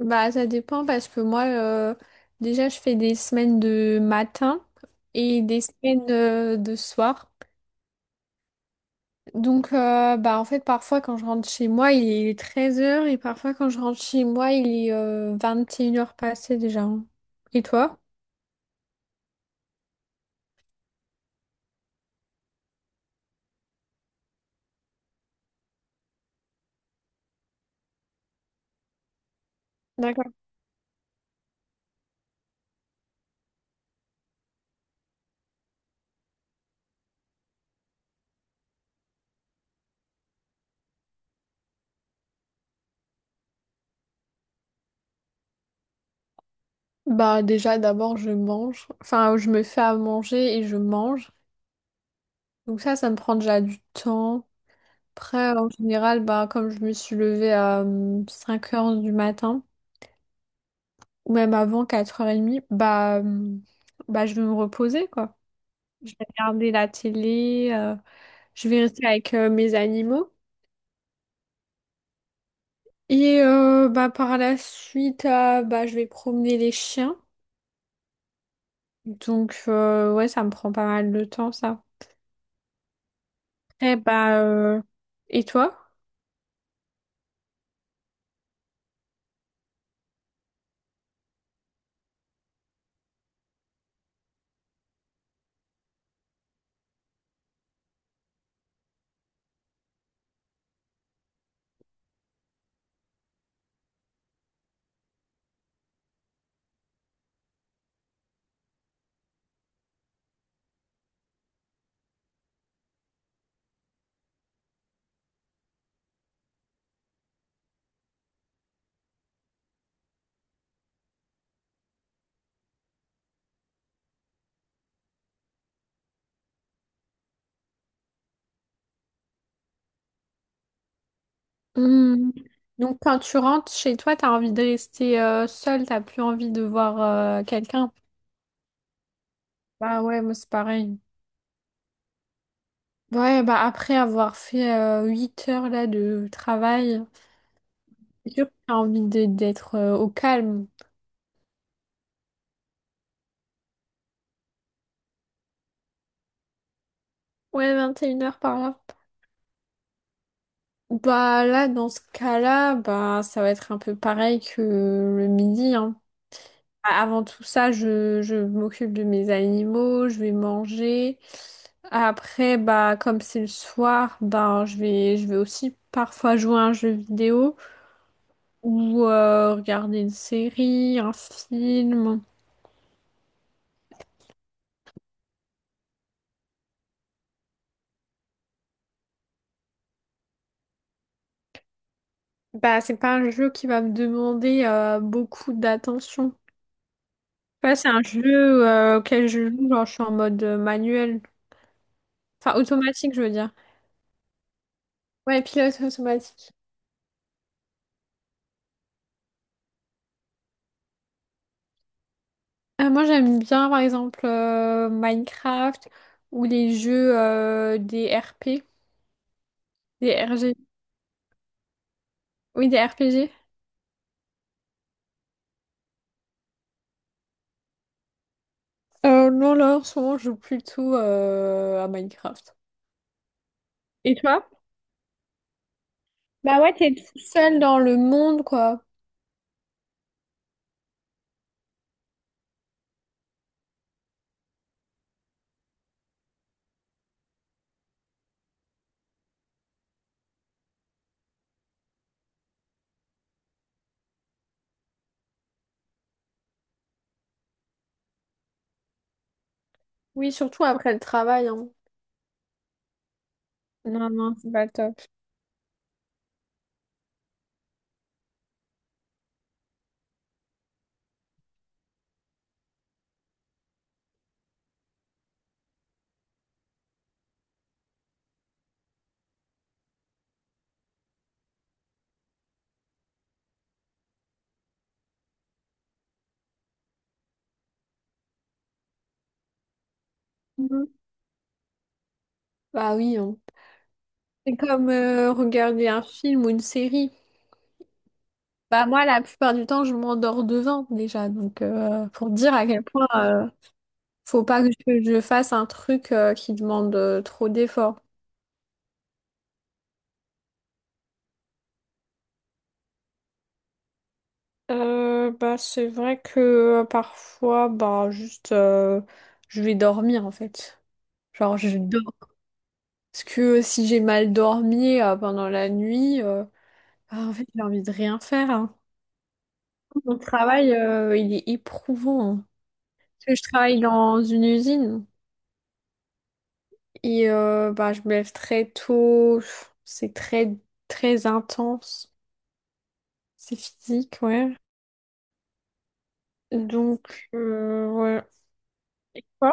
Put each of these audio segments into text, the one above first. Bah, ça dépend parce que moi, déjà, je fais des semaines de matin et des semaines de soir. Donc, en fait, parfois, quand je rentre chez moi, il est 13 heures et parfois, quand je rentre chez moi, il est 21 heures passées déjà, hein. Et toi? D'accord. Bah, déjà, d'abord, je mange. Enfin, je me fais à manger et je mange. Donc, ça me prend déjà du temps. Après, en général, bah, comme je me suis levée à 5 heures du matin. Ou même avant 4h30, bah je vais me reposer, quoi. Je vais regarder la télé, je vais rester avec mes animaux. Et par la suite, bah, je vais promener les chiens. Donc, ouais, ça me prend pas mal de temps, ça. Et, et toi? Hum. Donc, quand tu rentres chez toi, t'as envie de rester seule, t'as plus envie de voir quelqu'un. Bah ouais, moi c'est pareil. Ouais, bah après avoir fait 8 heures là de travail, c'est sûr que t'as envie d'être au calme. Ouais, 21 heures par là. Bah là, dans ce cas-là, bah ça va être un peu pareil que le midi, hein. Avant tout ça, je m'occupe de mes animaux, je vais manger. Après, bah comme c'est le soir, je vais aussi parfois jouer à un jeu vidéo ou regarder une série, un film. Bah, c'est pas un jeu qui va me demander beaucoup d'attention. Ouais, c'est un jeu auquel je joue, genre je suis en mode manuel. Enfin, automatique, je veux dire. Ouais, pilote automatique. Moi, j'aime bien, par exemple, Minecraft ou les jeux des RP, des RG. Oui, des RPG. Non, là, en ce moment, je joue plutôt à Minecraft. Et toi? Bah ouais, t'es tout seul dans le monde, quoi. Oui, surtout après le travail, hein. Non, non, c'est pas top. Bah oui, hein. C'est comme regarder un film ou une série. Bah moi, la plupart du temps, je m'endors devant déjà. Donc, pour dire à quel point faut pas que je fasse un truc qui demande trop d'efforts. C'est vrai que parfois, je vais dormir en fait. Genre, je dors. Parce que si j'ai mal dormi pendant la nuit, bah, en fait, j'ai envie de rien faire, hein. Mon travail, il est éprouvant, hein. Parce que je travaille dans une usine et bah, je me lève très tôt. C'est très intense. C'est physique, ouais. Donc, ouais. Quoi?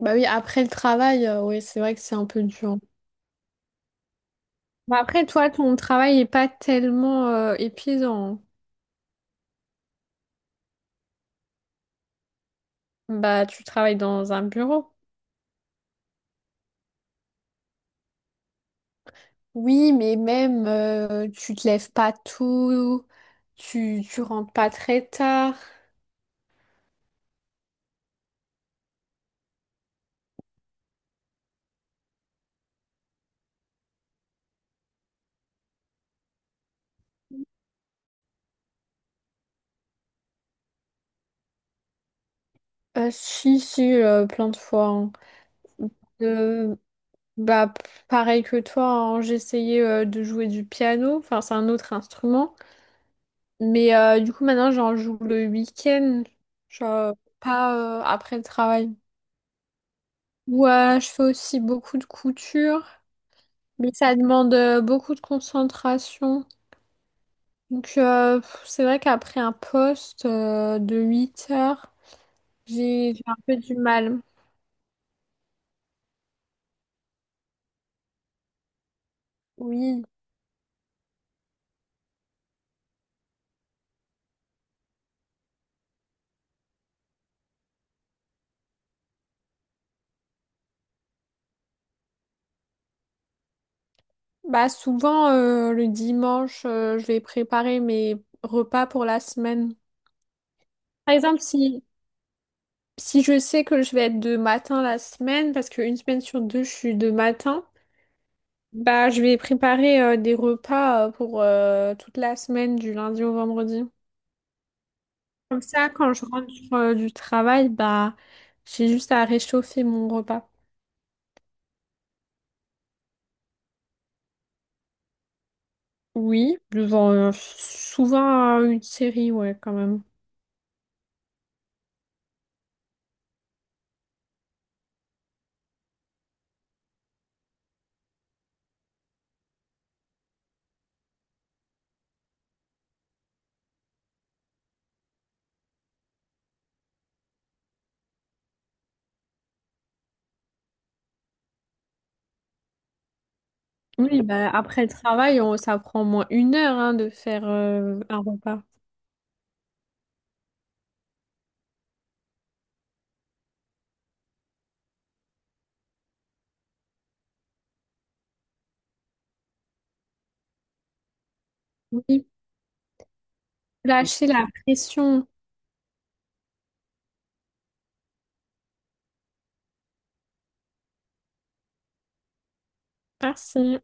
Bah oui, après le travail, oui, c'est vrai que c'est un peu dur. Bah après, toi, ton travail est pas tellement épuisant. Bah, tu travailles dans un bureau. Oui, mais même tu te lèves pas tôt, tu rentres pas très tard. Si, si, plein de fois. Euh, bah, p- Pareil que toi, hein, j'essayais de jouer du piano, enfin c'est un autre instrument, mais du coup maintenant j'en joue le week-end, genre pas après le travail. Ouais, je fais aussi beaucoup de couture, mais ça demande beaucoup de concentration. Donc c'est vrai qu'après un poste de 8 heures, j'ai un peu du mal. Oui. Bah souvent le dimanche, je vais préparer mes repas pour la semaine. Par exemple, si je sais que je vais être de matin la semaine, parce qu'une semaine sur deux, je suis de matin, bah je vais préparer des repas pour toute la semaine, du lundi au vendredi. Comme ça, quand je rentre du travail, bah j'ai juste à réchauffer mon repas. Oui, devant souvent une série, ouais, quand même. Oui, bah, après le travail, on- ça prend au moins une heure hein, de faire un repas. Oui, lâcher la pression. Merci.